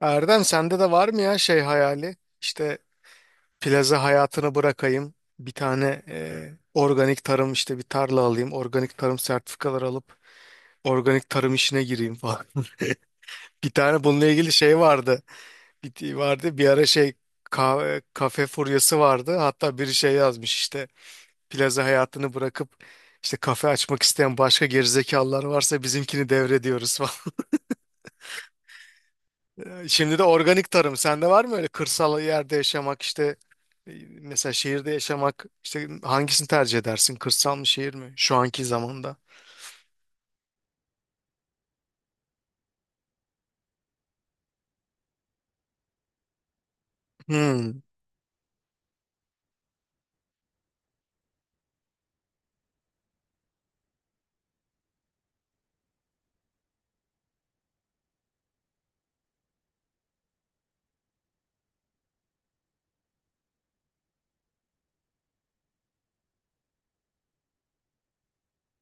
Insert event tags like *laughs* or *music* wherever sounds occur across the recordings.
Erdem sende de var mı ya şey hayali? İşte plaza hayatını bırakayım. Bir tane organik tarım işte bir tarla alayım. Organik tarım sertifikaları alıp organik tarım işine gireyim falan. *laughs* Bir tane bununla ilgili şey vardı. Bir, vardı bir ara şey kafe furyası vardı. Hatta biri şey yazmış işte plaza hayatını bırakıp işte kafe açmak isteyen başka gerizekalılar varsa bizimkini devrediyoruz. *laughs* Şimdi de organik tarım. Sende var mı öyle kırsal yerde yaşamak işte mesela şehirde yaşamak? İşte hangisini tercih edersin? Kırsal mı, şehir mi? Şu anki zamanda. Hmm,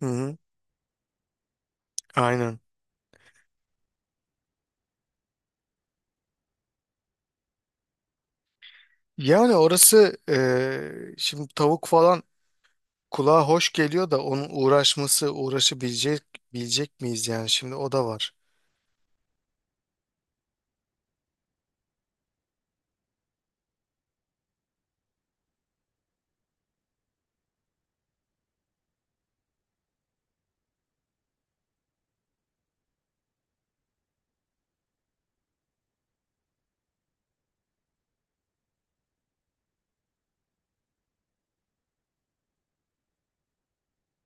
hı hı, aynen. Yani orası, şimdi tavuk falan kulağa hoş geliyor da onun uğraşması, uğraşabilecek bilecek miyiz yani? Şimdi o da var.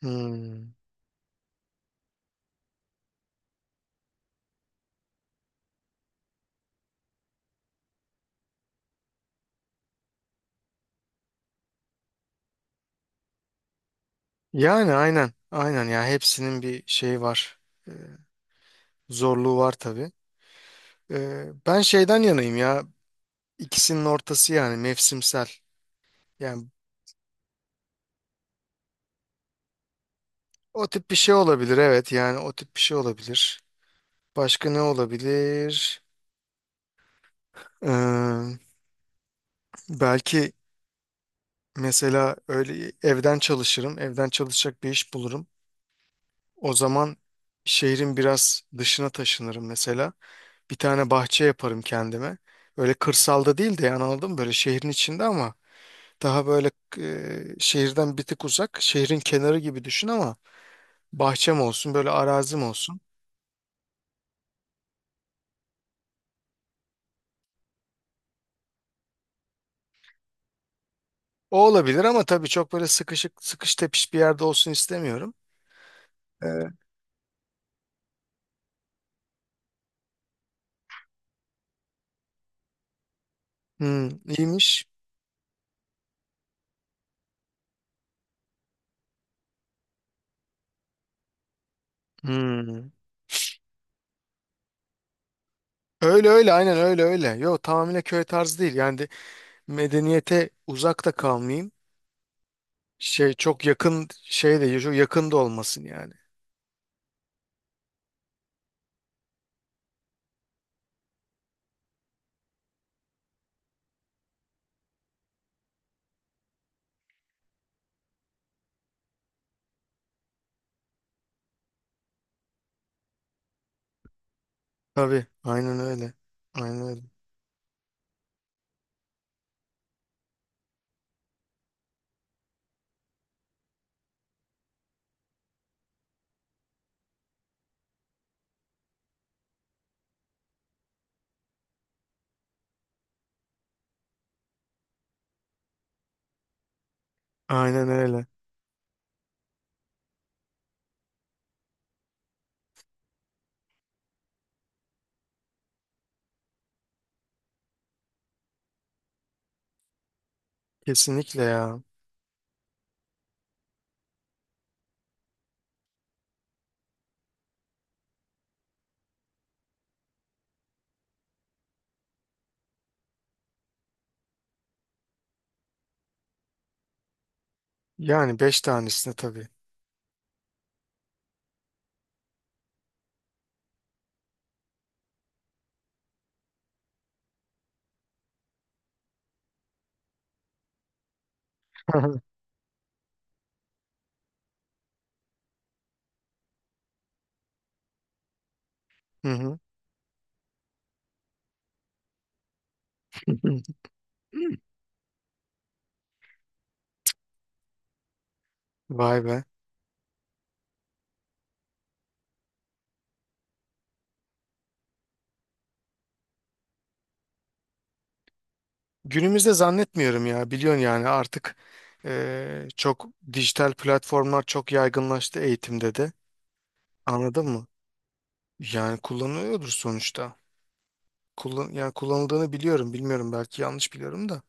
Hmm. Yani aynen aynen ya, hepsinin bir şeyi var. E, zorluğu var tabii. Ben şeyden yanayım ya. İkisinin ortası, yani mevsimsel. Yani o tip bir şey olabilir, evet. Yani o tip bir şey olabilir. Başka ne olabilir? Ee, belki mesela öyle, evden çalışırım. Evden çalışacak bir iş bulurum. O zaman şehrin biraz dışına taşınırım mesela. Bir tane bahçe yaparım kendime. Öyle kırsalda değil de, yani anladın mı? Böyle şehrin içinde ama daha böyle, şehirden bir tık uzak. Şehrin kenarı gibi düşün ama bahçem olsun, böyle arazim olsun. O olabilir ama tabii çok böyle sıkışık, sıkış tepiş bir yerde olsun istemiyorum. Ee, Hmm, iyiymiş. Hmm. Öyle öyle, aynen, öyle öyle. Yo, tamamıyla köy tarzı değil. Yani de medeniyete uzak da kalmayayım. Şey çok yakın, şey de çok yakın da olmasın yani. Tabii, aynen öyle. Aynen öyle. Aynen öyle. Kesinlikle ya. Yani beş tanesine tabii. *laughs* Hı hı. *laughs* Vay be. Günümüzde zannetmiyorum ya, biliyorsun yani artık çok dijital platformlar çok yaygınlaştı eğitimde de, anladın mı? Yani kullanılıyordur sonuçta. Kullan, yani kullanıldığını biliyorum, bilmiyorum, belki yanlış biliyorum da.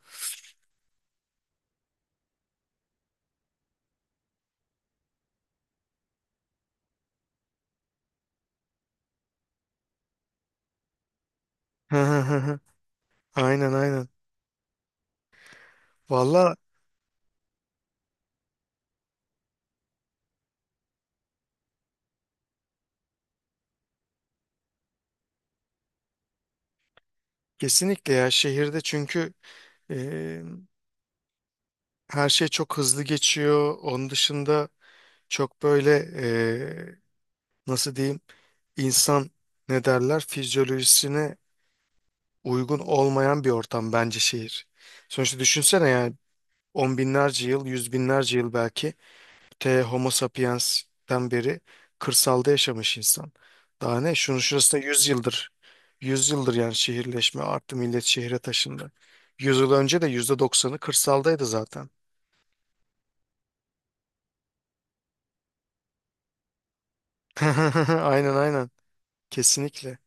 Hı hı hı hı. Aynen aynen. Valla kesinlikle ya, şehirde çünkü eee, her şey çok hızlı geçiyor. Onun dışında çok böyle, eee, nasıl diyeyim, insan, ne derler, fizyolojisine uygun olmayan bir ortam bence şehir. Sonuçta düşünsene yani, on binlerce yıl, yüz binlerce yıl belki, te Homo sapiens'ten beri kırsalda yaşamış insan. Daha ne? Şunun şurası da 100 yıldır. 100 yıldır yani şehirleşme arttı, millet şehre taşındı. 100 yıl önce de %90'ı kırsaldaydı zaten. *laughs* Aynen aynen. Kesinlikle.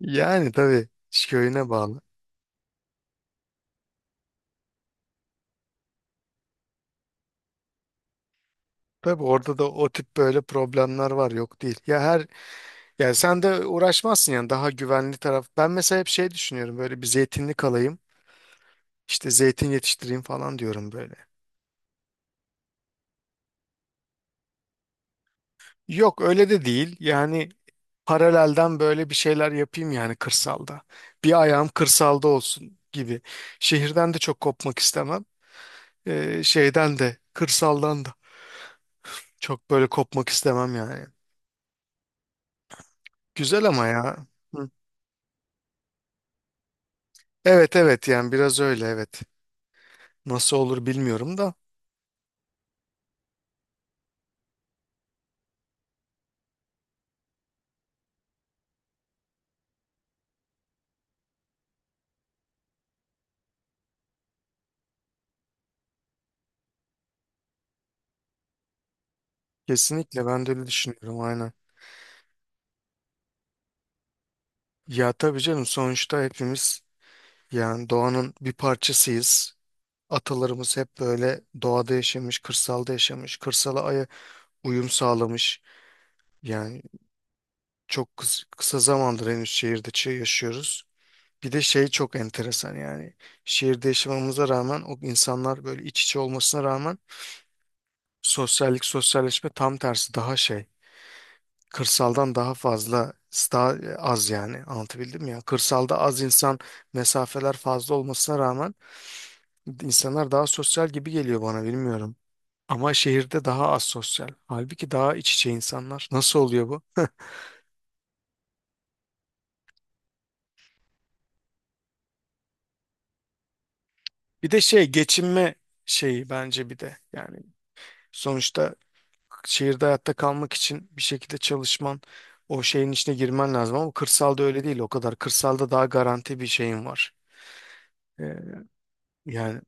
Yani tabii, iş köyüne bağlı. Tabii orada da o tip böyle problemler var, yok değil. Ya her Yani sen de uğraşmazsın yani, daha güvenli taraf. Ben mesela hep şey düşünüyorum, böyle bir zeytinlik alayım, işte zeytin yetiştireyim falan diyorum böyle. Yok, öyle de değil yani. Paralelden böyle bir şeyler yapayım yani, kırsalda. Bir ayağım kırsalda olsun gibi. Şehirden de çok kopmak istemem. Şeyden de, kırsaldan da çok böyle kopmak istemem yani. Güzel ama ya. Hı. Evet evet, yani biraz öyle, evet. Nasıl olur bilmiyorum da. Kesinlikle, ben de öyle düşünüyorum, aynen. Ya tabii canım, sonuçta hepimiz yani doğanın bir parçasıyız. Atalarımız hep böyle doğada yaşamış, kırsalda yaşamış, kırsala uyum sağlamış. Yani çok kısa zamandır henüz şehirde yaşıyoruz. Bir de şey çok enteresan yani. Şehirde yaşamamıza rağmen, o insanlar böyle iç içe olmasına rağmen, sosyallik, sosyalleşme tam tersi daha şey. Kırsaldan daha fazla, daha az yani. Anlatabildim mi ya? Kırsalda az insan, mesafeler fazla olmasına rağmen insanlar daha sosyal gibi geliyor bana, bilmiyorum. Ama şehirde daha az sosyal. Halbuki daha iç içe insanlar. Nasıl oluyor bu? Bir de şey, geçinme şeyi bence, bir de yani sonuçta şehirde hayatta kalmak için bir şekilde çalışman, o şeyin içine girmen lazım ama kırsalda öyle değil o kadar. Kırsalda daha garanti bir şeyin var. Ee, yani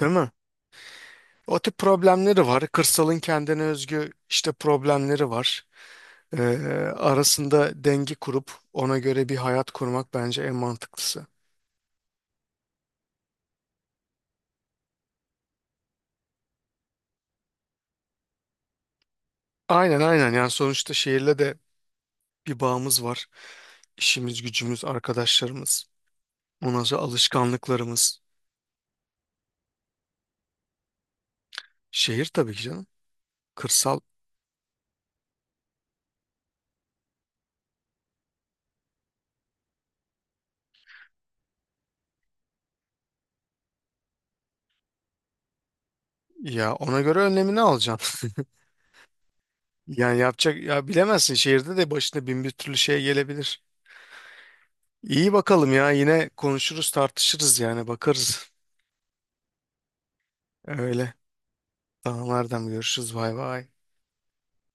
değil mi? O tip problemleri var. Kırsalın kendine özgü işte problemleri var. Ee, arasında denge kurup ona göre bir hayat kurmak bence en mantıklısı. Aynen aynen, yani sonuçta şehirle de bir bağımız var. İşimiz, gücümüz, arkadaşlarımız, ondan sonra alışkanlıklarımız. Şehir tabii ki canım. Kırsal. Ya ona göre önlemini alacaksın. *laughs* Yani yapacak ya, bilemezsin, şehirde de başına bin bir türlü şey gelebilir. İyi bakalım ya, yine konuşuruz, tartışırız yani, bakarız. Öyle. Tamam Erdem, görüşürüz, bay bay.